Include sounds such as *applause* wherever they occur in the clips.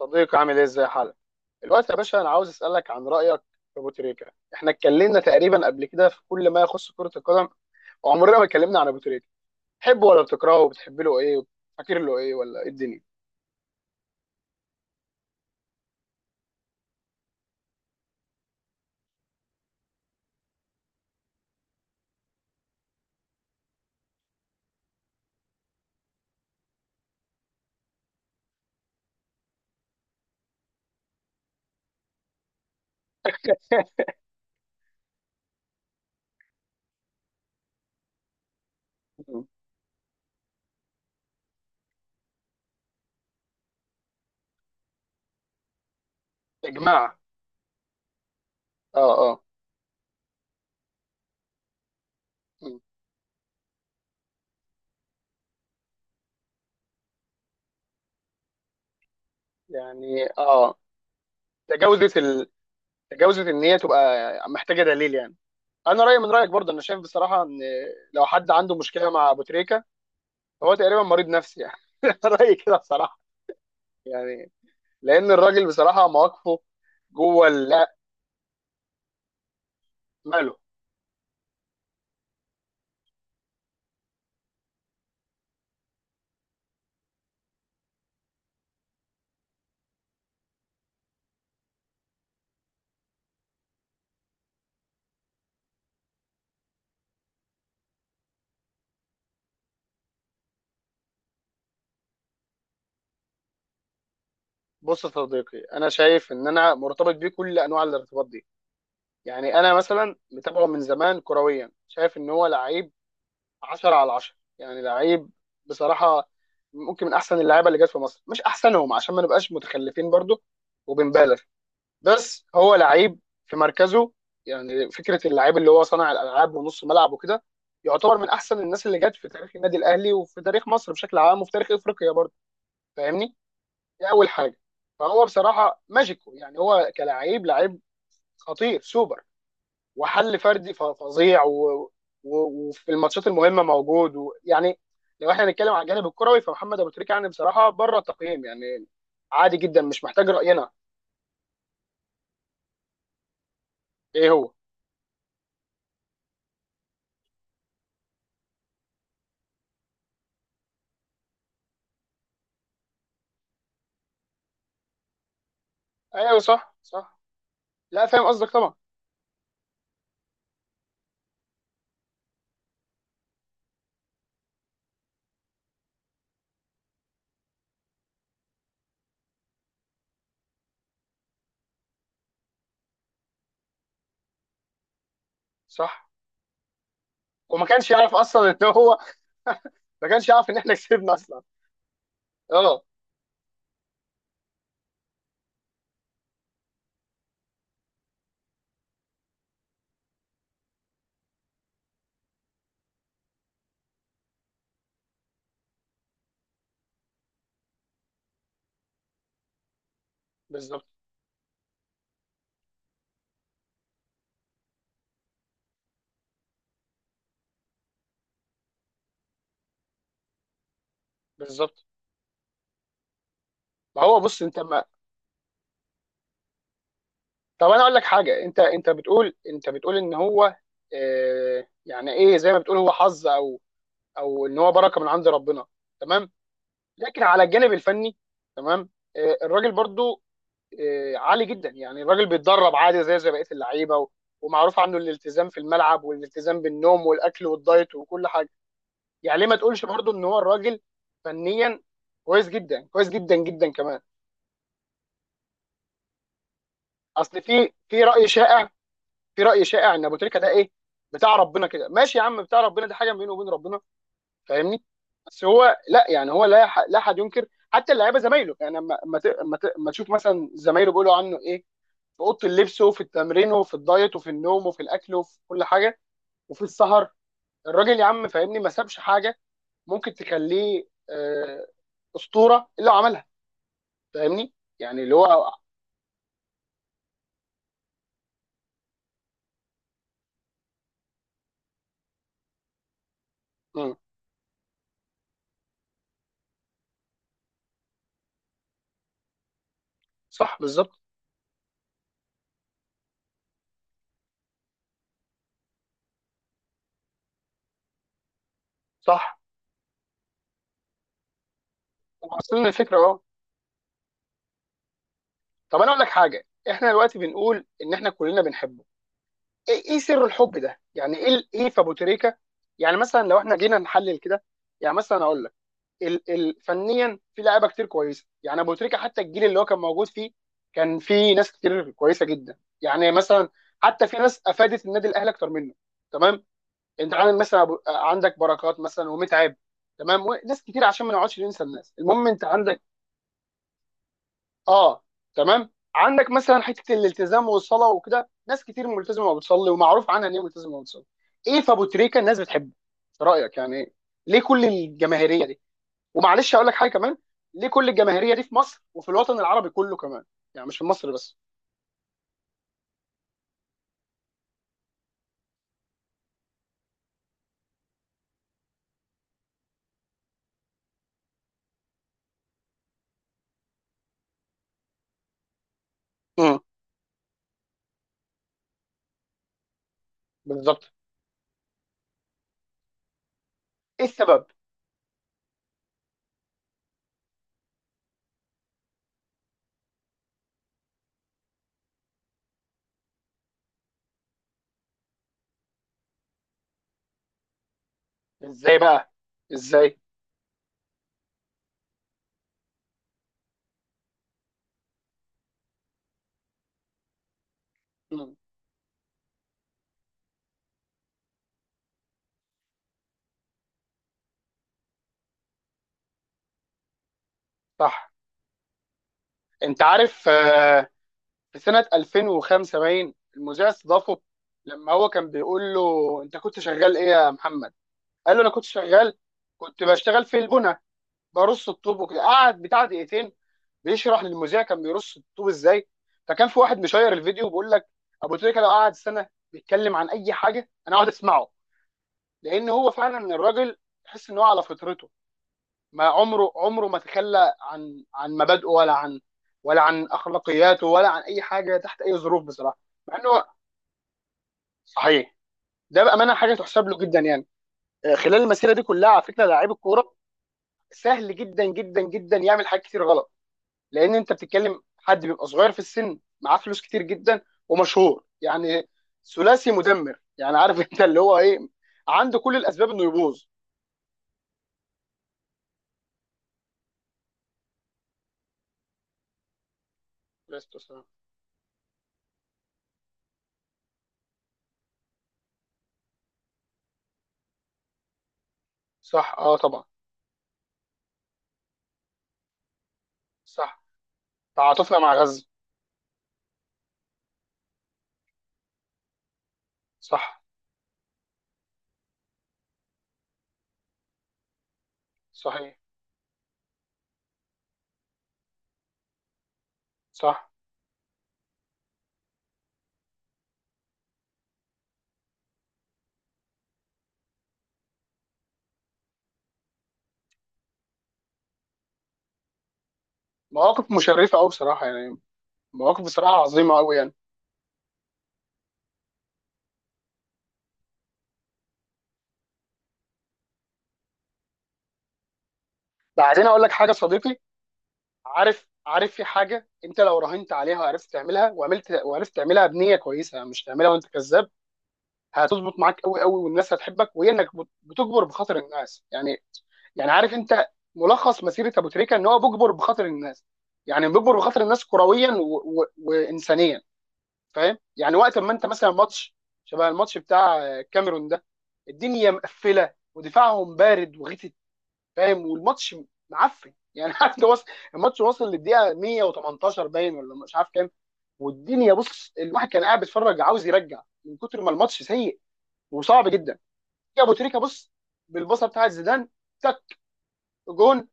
صديقي، عامل ايه؟ ازاي حالك الوقت يا باشا؟ انا عاوز اسالك عن رايك في ابو تريكه. احنا اتكلمنا تقريبا قبل كده في كل ما يخص كره القدم وعمرنا ما اتكلمنا عن ابو تريكه. بتحبه ولا بتكرهه؟ وبتحب له ايه؟ فاكر له ايه ولا ايه الدنيا؟ مم. يا جماعه، اه اه. مم. يعني اه، تجاوزت ال... تجاوزت ان هي تبقى محتاجه دليل يعني. انا رايي من رايك برضه، انا شايف بصراحه ان لو حد عنده مشكله مع ابو تريكه فهو تقريبا مريض نفسي يعني. *laughs* رايي كده بصراحه، يعني، لان الراجل بصراحه مواقفه جوه اللعب ماله. بص يا صديقي، انا شايف ان انا مرتبط بيه كل انواع الارتباط دي. يعني انا مثلا متابعه من زمان كرويا، شايف ان هو لعيب 10 على 10 يعني. لعيب بصراحه، ممكن من احسن اللعيبه اللي جت في مصر، مش احسنهم عشان ما نبقاش متخلفين برضو وبنبالغ. بس هو لعيب في مركزه، يعني فكره اللعيب اللي هو صانع الالعاب ونص ملعب وكده يعتبر من احسن الناس اللي جت في تاريخ النادي الاهلي وفي تاريخ مصر بشكل عام وفي تاريخ افريقيا برضو. فاهمني؟ دي اول حاجه. فهو بصراحه ماجيكو، يعني هو كلاعب لعيب خطير سوبر، وحل فردي فظيع و... وفي الماتشات المهمه موجود يعني لو احنا هنتكلم على الجانب الكروي، فمحمد ابو تريكه يعني بصراحه بره التقييم يعني. عادي جدا، مش محتاج راينا. ايه هو؟ ايوه، صح صح. لا، فاهم قصدك طبعا. صح. وما كانش يعرف اصلا ان هو *laughs* ما كانش يعرف ان احنا كسبنا اصلا. اه بالظبط. بالظبط. ما هو بص انت ما. طب انا اقول لك حاجه. انت بتقول، ان هو آه، يعني ايه؟ زي ما بتقول هو حظ، او او ان هو بركه من عند ربنا. تمام. لكن على الجانب الفني، تمام. آه الراجل برضو آه عالي جدا، يعني الراجل بيتدرب عادي زي بقيه اللعيبه ومعروف عنه الالتزام في الملعب والالتزام بالنوم والاكل والدايت وكل حاجه. يعني ليه ما تقولش برضو ان هو الراجل فنيا كويس جدا، كويس جدا جدا كمان. اصل في راي شائع، ان ابو تريكه ده ايه، بتاع ربنا كده. ماشي يا عم، بتاع ربنا دي حاجه بينه وبين ربنا. فاهمني؟ بس هو لا، يعني هو لا احد ينكر، حتى اللعيبه زمايله يعني. اما تشوف مثلا زمايله بيقولوا عنه ايه في اوضه اللبس وفي التمرين وفي الدايت وفي النوم وفي الاكل وفي كل حاجه وفي السهر. الراجل يا عم فاهمني، ما سابش حاجه. ممكن تخليه آه، اسطوره الا عملها، فاهمني؟ يعني اللي هو. مم. صح، بالظبط. صح، وصلنا الفكره اه. طب انا اقول لك حاجه. احنا دلوقتي بنقول ان احنا كلنا بنحبه. ايه سر الحب ده يعني؟ ايه في ابو تريكه؟ يعني مثلا لو احنا جينا نحلل كده يعني. مثلا اقول لك ال ال فنيا في لعيبه كتير كويسه يعني. ابو تريكه حتى الجيل اللي هو كان موجود فيه كان في ناس كتير كويسه جدا، يعني مثلا حتى في ناس افادت النادي الاهلي اكتر منه. تمام، انت عندك مثلا عندك بركات مثلا، ومتعب. تمام، وناس كتير عشان ما نقعدش ننسى الناس. المهم، انت عندك اه. تمام، عندك مثلا حته الالتزام والصلاه وكده، ناس كتير ملتزمه وبتصلي، ومعروف عنها ان هي ملتزمه وبتصلي. ايه في ابو تريكه الناس بتحبه في رايك يعني إيه؟ ليه كل الجماهيريه دي؟ ومعلش اقول لك حاجه كمان، ليه كل الجماهيريه دي في مصر وفي الوطن العربي كله كمان؟ يعني مش في مصر بس. امم. بالظبط. ايه السبب؟ ازاي بقى؟ ازاي؟ مم. صح. انت عارف آه، في سنه 2005 باين المذيع استضافه، لما هو كان بيقول له انت كنت شغال ايه يا محمد؟ قال له انا كنت شغال، كنت بشتغل في البنى، برص الطوب وكده. قعد بتاع دقيقتين بيشرح للمذيع كان بيرص الطوب ازاي. فكان في واحد مشير الفيديو بيقول لك ابو تريكه لو قعد سنه بيتكلم عن اي حاجه انا اقعد اسمعه. لان هو فعلا الراجل تحس ان هو على فطرته، ما عمره عمره ما تخلى عن مبادئه ولا عن اخلاقياته ولا عن اي حاجه تحت اي ظروف بصراحه. مع انه صحيح، ده بامانه حاجه تحسب له جدا يعني. آه، خلال المسيره دي كلها على فكره، لعيب الكوره سهل جدا جدا جدا يعمل حاجات كتير غلط، لان انت بتتكلم حد بيبقى صغير في السن، معاه فلوس كتير جدا ومشهور يعني. ثلاثي مدمر يعني، عارف؟ *laughs* انت اللي هو ايه، عنده كل الاسباب انه يبوظ. لست صح. صح، اه طبعا. صح. تعاطفنا مع غزة. صح. صحيح. صح. مواقف مشرفه قوي بصراحه يعني، مواقف بصراحه عظيمه قوي يعني. بعدين اقول لك حاجه صديقي، عارف؟ في حاجه، انت لو راهنت عليها وعرفت تعملها وعملت وعرفت تعملها بنيه كويسه، مش تعملها وانت كذاب، هتظبط معاك قوي قوي والناس هتحبك، وهي انك بتجبر بخاطر الناس يعني. يعني عارف انت، ملخص مسيره ابو تريكه ان هو بيجبر بخاطر الناس. يعني بيجبر بخاطر الناس كرويا وانسانيا فاهم؟ يعني وقت ما انت مثلا ماتش شبه الماتش بتاع الكاميرون ده، الدنيا مقفله ودفاعهم بارد وغثت. فاهم؟ والماتش معفن يعني، *laughs* عارف؟ ده وصل الماتش، وصل للدقيقه 118 باين ولا مش عارف كام. والدنيا، بص، الواحد كان قاعد بيتفرج عاوز يرجع من كتر ما الماتش سيء وصعب جدا. يا ابو تريكه بص، بالبصه بتاعت زيدان، تك، جون.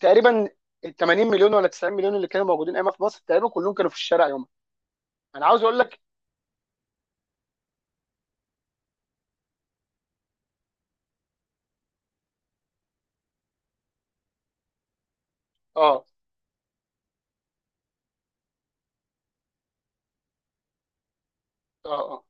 تقريبا ال 80 مليون ولا 90 مليون اللي كانوا موجودين ايامها في مصر تقريبا كلهم كانوا في الشارع يومها. انا عاوز اقول لك. اه اه اه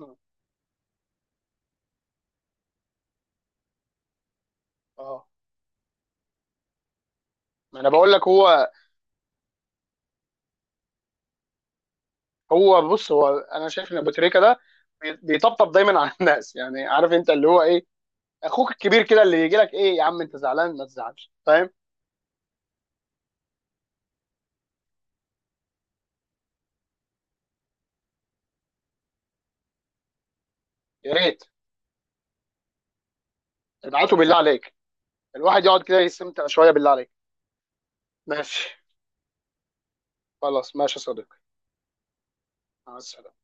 اه. آه. ما انا بقول لك هو. بص انا شايف ان ابو تريكه ده بيطبطب دايما على *laughs* الناس يعني. عارف انت اللي هو ايه، اخوك الكبير كده، اللي يجي لك ايه يا عم انت زعلان ما تزعلش. فاهم؟ يا ريت، ابعته بالله عليك، الواحد يقعد كده يستمتع شويه بالله عليك. ماشي. خلاص ماشي يا صديقي. مع السلامه.